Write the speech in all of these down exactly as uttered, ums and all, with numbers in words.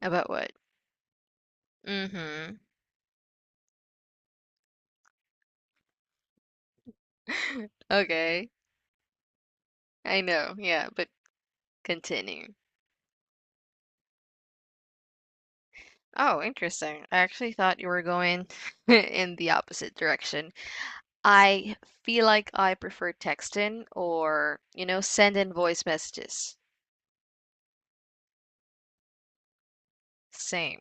About what? Mm-hmm. Okay. I know. Yeah, but continue. Oh, interesting. I actually thought you were going in the opposite direction. I feel like I prefer texting or, you know, sending voice messages. Same.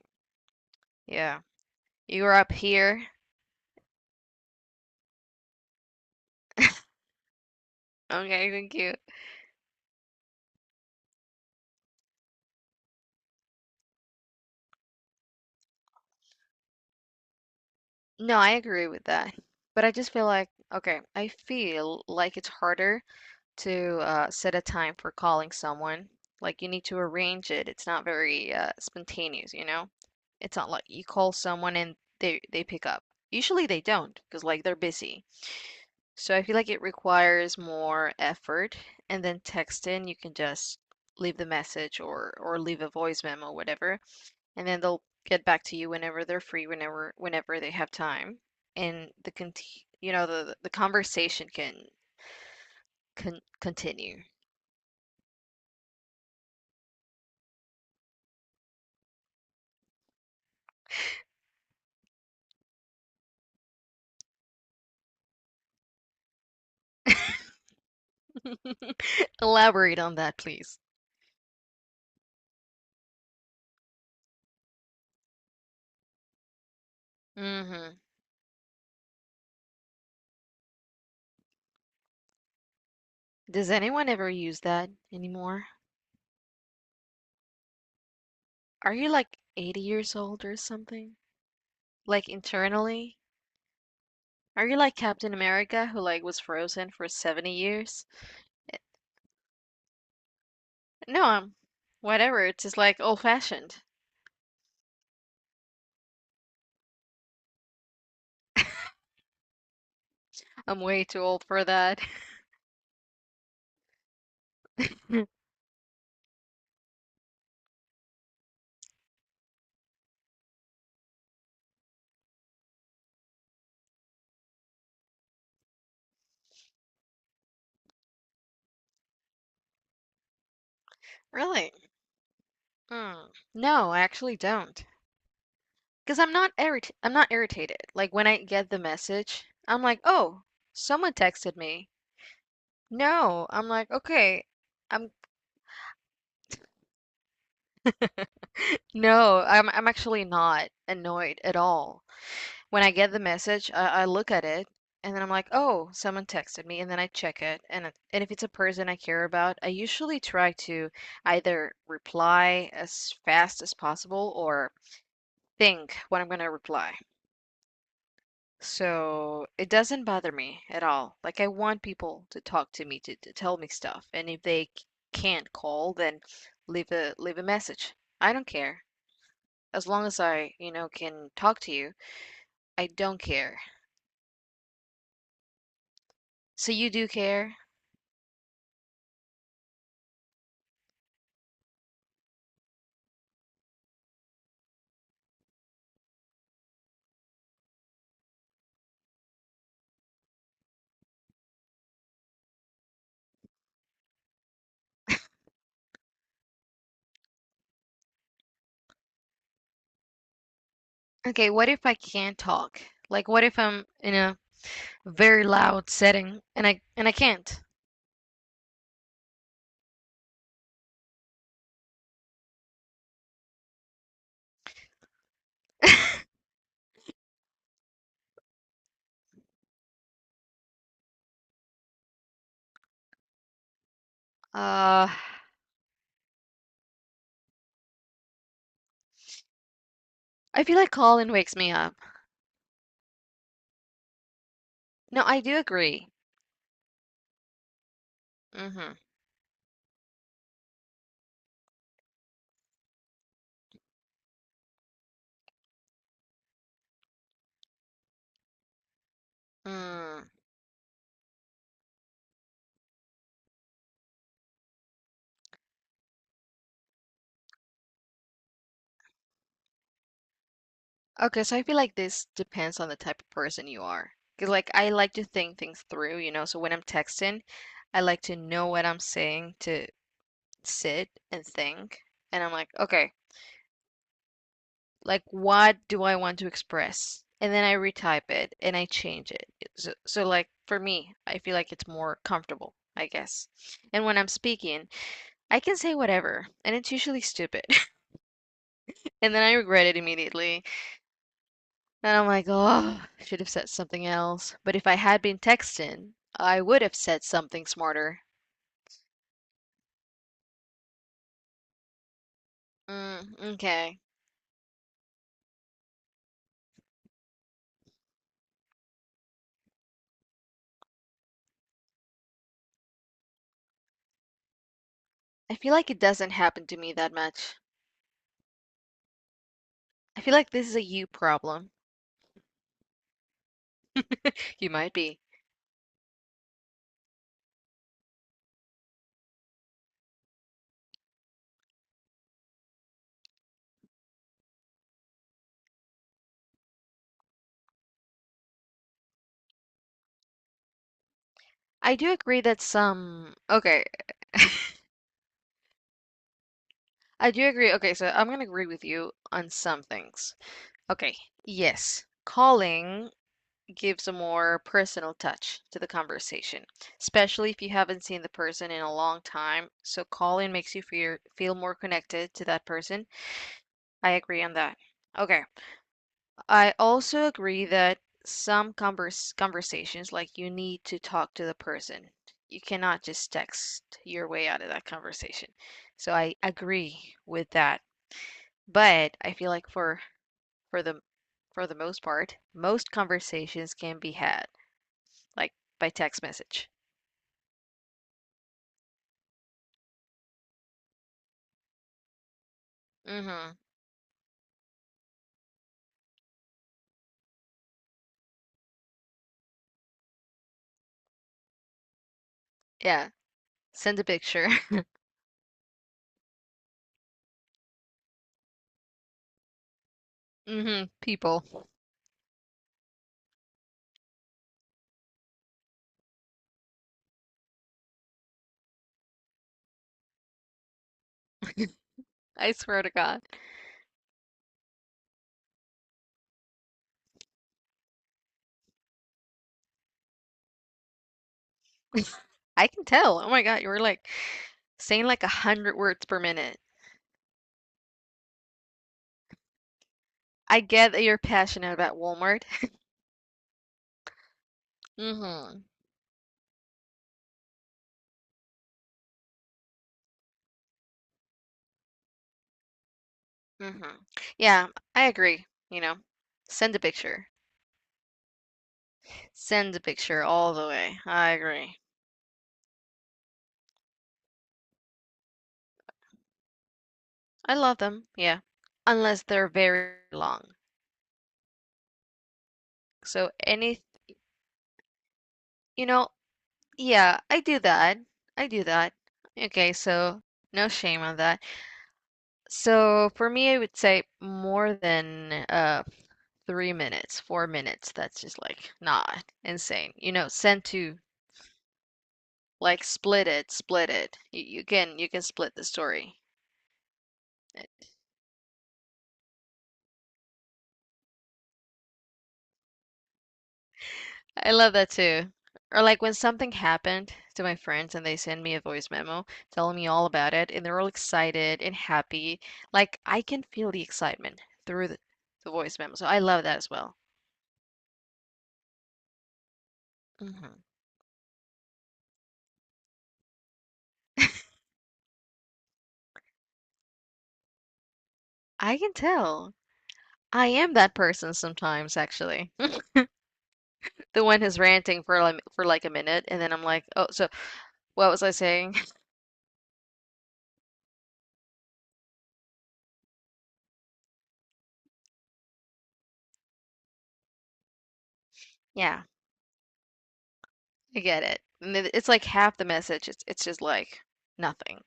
Yeah. You're up here. Okay, thank you. No, I agree with that. But I just feel like, okay, I feel like it's harder to uh, set a time for calling someone. Like you need to arrange it. It's not very uh, spontaneous, you know? It's not like you call someone and they they pick up. Usually they don't because like they're busy. So I feel like it requires more effort. And then texting, you can just leave the message or or leave a voice memo, whatever, and then they'll get back to you whenever they're free, whenever whenever they have time. And the con you know the the conversation can con continue. Elaborate on that, please. Hmm. Does anyone ever use that anymore? Are you like eighty years old or something? Like internally? Are you like Captain America who like was frozen for seventy years? Eh, no, I'm whatever. It's just like old fashioned. I'm way too old for that. Really? Hmm. No, I actually don't. Because I'm not irrit I'm not irritated. Like when I get the message, I'm like, "Oh, someone texted me." No, I'm like, "Okay, I'm No, I'm I'm actually not annoyed at all. When I get the message, I, I look at it and then I'm like, oh, someone texted me, and then I check it, and it- and if it's a person I care about, I usually try to either reply as fast as possible or think what I'm gonna reply. So it doesn't bother me at all. Like I want people to talk to me to, to tell me stuff, and if they c- can't call, then leave a leave a message. I don't care. As long as I, you know, can talk to you, I don't care. So you do care? Okay, what if I can't talk? Like what if I'm in a very loud setting and I and I can't? Uh, I feel like Colin wakes me up. No, I do agree. Mm-hmm. Mm. Okay, so I feel like this depends on the type of person you are. 'Cause like I like to think things through, you know, so when I'm texting, I like to know what I'm saying to sit and think. And I'm like, okay, like what do I want to express? And then I retype it and I change it. So, so like for me, I feel like it's more comfortable, I guess. And when I'm speaking, I can say whatever, and it's usually stupid. And then I regret it immediately. And I'm like, oh, I should have said something else. But if I had been texting, I would have said something smarter. Mm, okay. I feel like it doesn't happen to me that much. I feel like this is a you problem. You might be. I do agree that some. Okay, I do agree. Okay, so I'm gonna agree with you on some things. Okay, yes, calling gives a more personal touch to the conversation, especially if you haven't seen the person in a long time. So calling makes you feel feel more connected to that person. I agree on that. Okay, I also agree that some converse conversations like you need to talk to the person. You cannot just text your way out of that conversation. So I agree with that. But I feel like for for the for the most part, most conversations can be had like by text message. Mm-hmm. Yeah. Send a picture. Mm-hmm. People. I swear to God. I can tell. Oh my God, you were like saying like a hundred words per minute. I get that you're passionate about Walmart. Mm-hmm. Mm-hmm. Yeah, I agree. You know, send a picture. Send a picture all the way. I agree. I love them. Yeah. Unless they're very long. So any, you know, yeah, I do that. I do that. Okay, so no shame on that. So for me, I would say more than uh three minutes, four minutes. That's just like not insane. You know, send to like split it, split it. You, you can you can split the story. I love that too. Or like when something happened to my friends and they send me a voice memo telling me all about it and they're all excited and happy. Like I can feel the excitement through the, the voice memo. So I love that as well. Hmm. I can tell. I am that person sometimes, actually. The one who's ranting for like, for like a minute and then I'm like, "Oh, so what was I saying?" Yeah, I get it. And it- it's like half the message. It's it's just like nothing.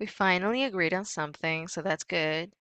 We finally agreed on something, so that's good.